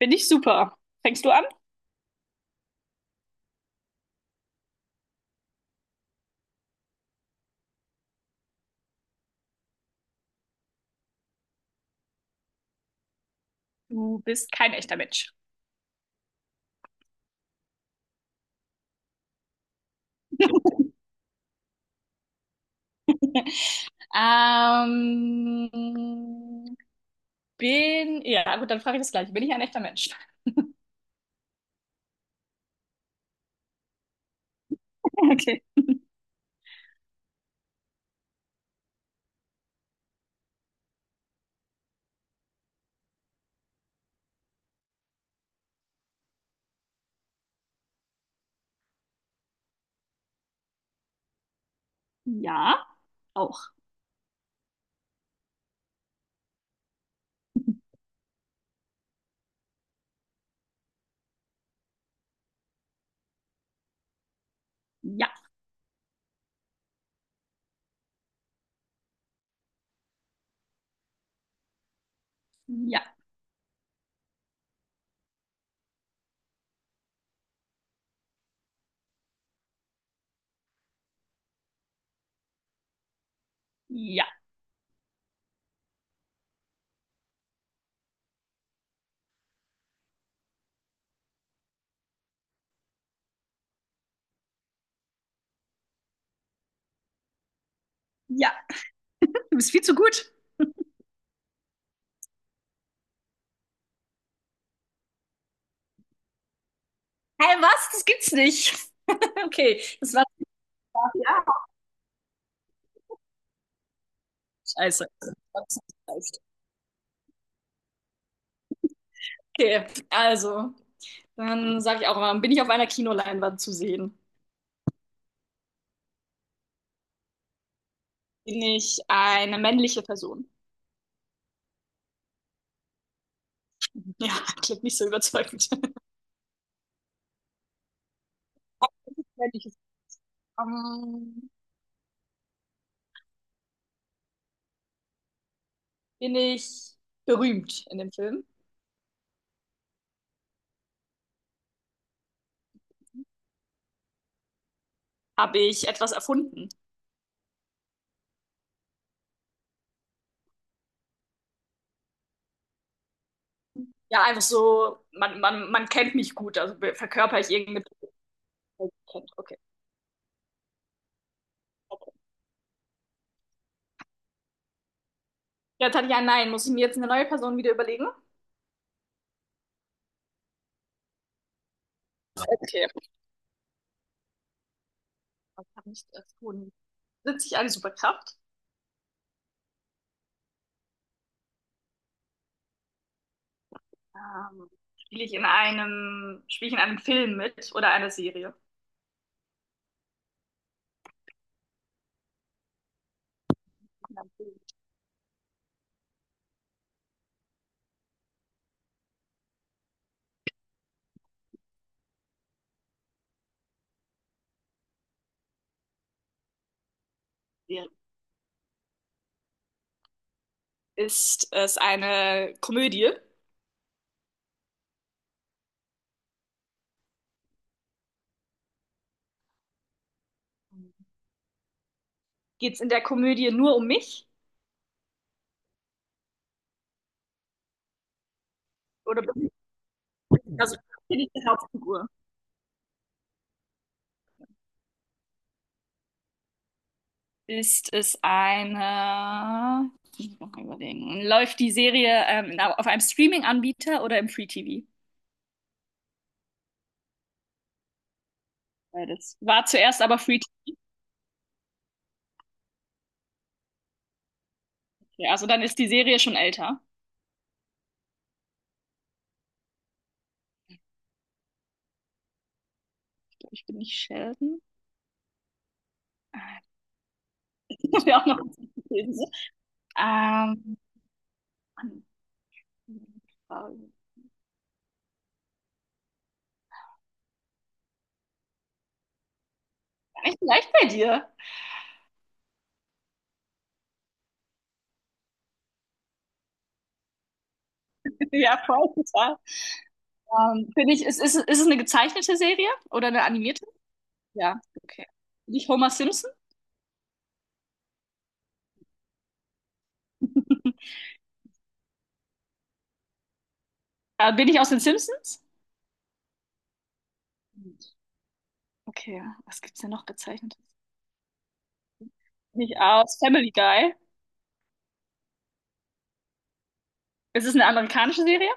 Bin ich super. Fängst du an? Du bist kein echter Mensch. ähm, bin, ja, gut, dann frage ich das gleiche. Bin ich ein echter Mensch? Okay. Ja, auch. Ja, ja, ja, ja. Du bist viel zu gut. Hä, hey, was? Das gibt's nicht. Okay, das war. Ja. Scheiße. Okay, also, dann sage ich auch mal, bin ich auf einer Kinoleinwand zu sehen? Bin ich eine männliche Person? Ja, klingt nicht so überzeugend. Wenn ich es ähm, bin ich berühmt in dem Film? Habe ich etwas erfunden? Ja, einfach so, man kennt mich gut, also be- verkörper ich irgendeine Person, die man kennt. Okay. Jetzt hatte ich ein Nein. Muss ich mir jetzt eine neue Person wieder überlegen? Okay. Was habe ich erfunden? Besitze ich eine Superkraft? Ähm, spiele ich in einem Film mit oder einer Serie? In einem Film. Serie. Ist es eine Komödie? Geht es in der Komödie nur um mich? Oder also die Hauptfigur. Ist es eine, ich muss mal überlegen, läuft die Serie auf einem Streaming-Anbieter oder im Free-TV? Beides. War zuerst aber Free-TV, also dann ist die Serie schon älter. Ich bin nicht Sheldon. Ah, das wäre auch noch gewesen. Ähm, Mann, gar nicht leicht bei dir. Ja, voll, total. Ist es eine gezeichnete Serie oder eine animierte? Ja, okay. Bin ich Homer Simpson? Bin ich aus den Simpsons? Okay, was gibt's denn noch gezeichnetes? Nicht aus Family Guy. Ist es eine amerikanische Serie?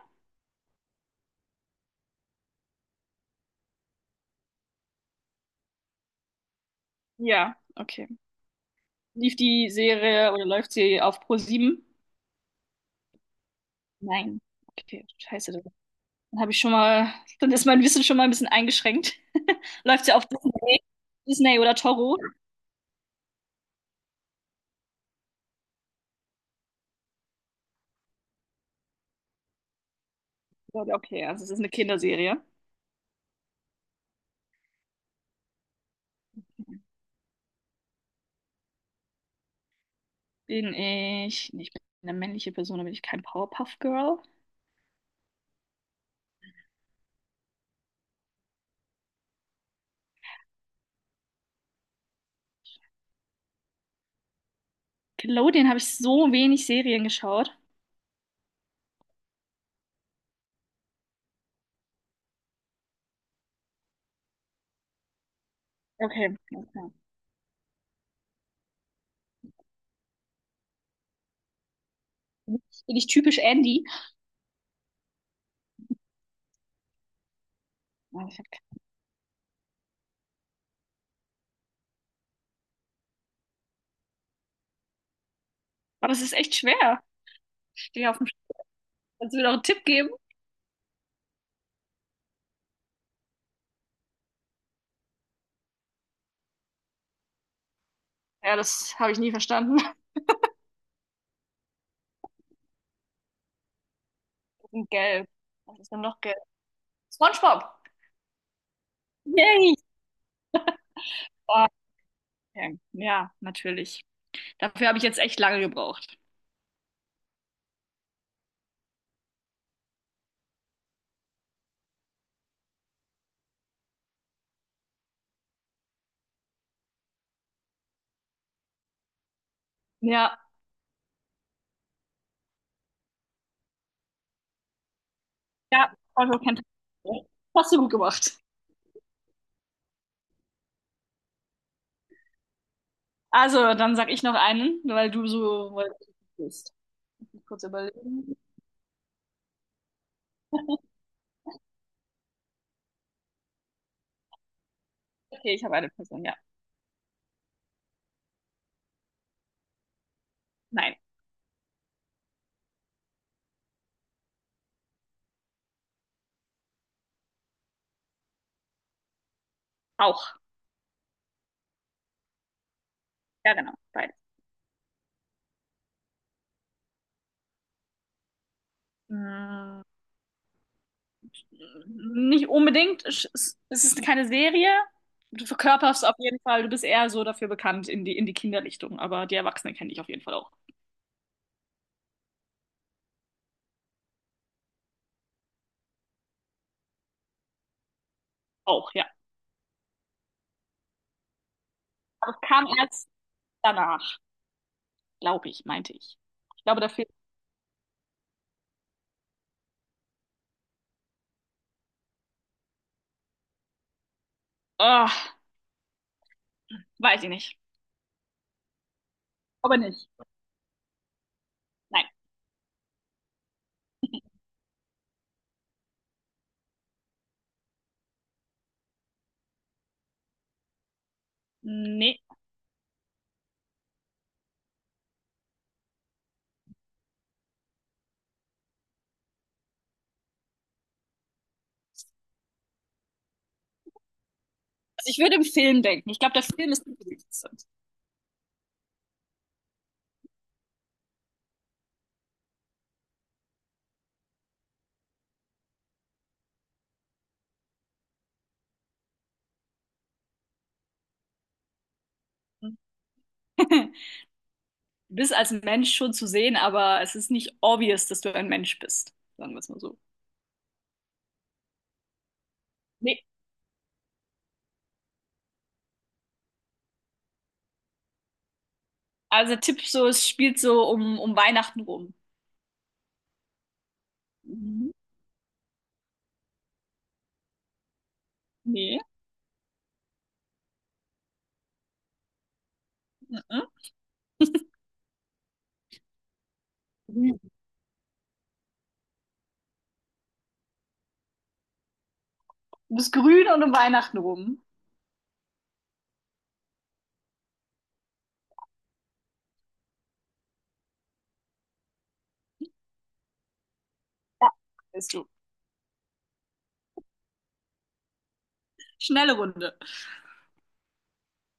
Ja, okay. Lief die Serie oder läuft sie auf Pro7? Nein. Okay, scheiße. Dann habe ich schon mal, dann ist mein Wissen schon mal ein bisschen eingeschränkt. Läuft sie auf Disney, oder Toro? Ja, okay, also es ist eine Kinderserie. Bin ich, nee, ich bin eine männliche Person, da bin ich kein Powerpuff Girl. Nickelodeon habe ich so wenig Serien geschaut. Okay, okay. Bin ich typisch Andy? Ja, ich hab-. Aber es ist echt schwer. Stehe auf dem Sch-. Kannst du mir noch einen Tipp geben? Ja, das habe ich nie verstanden. Und gelb. Was ist denn noch gelb? SpongeBob. Yay. Ah, okay. Ja, natürlich. Dafür habe ich jetzt echt lange gebraucht. Ja, ja, SpongeBob kennt. Hast du gut gemacht. Also, dann sag ich noch einen, weil du so bist. Kurz überlegen. Okay, ich habe eine Person, ja. Nein. Auch. Ja, genau. Beide. Mm. Nicht unbedingt. Es Es ist keine Serie. Du verkörperst auf jeden Fall, du bist eher so dafür bekannt in die Kinderrichtung, aber die Erwachsenen kenne ich auf jeden Fall auch. Auch, ja. Aber es kam erst danach, glaube ich, meinte ich. Ich glaube, der Film. Ah, weiß ich nicht. Aber nicht. Nein. Nee. Also ich würde im Film denken. Ich glaube, der Film ist interessant. Du bist als Mensch schon zu sehen, aber es ist nicht obvious, dass du ein Mensch bist. Sagen wir es mal so. Nee. Also der Tipp so, es spielt so um Weihnachten rum. Mhm. Nee. Mhm. Grün. Du bist grün und um Weihnachten rum. Ja. Bist du. Schnelle Runde.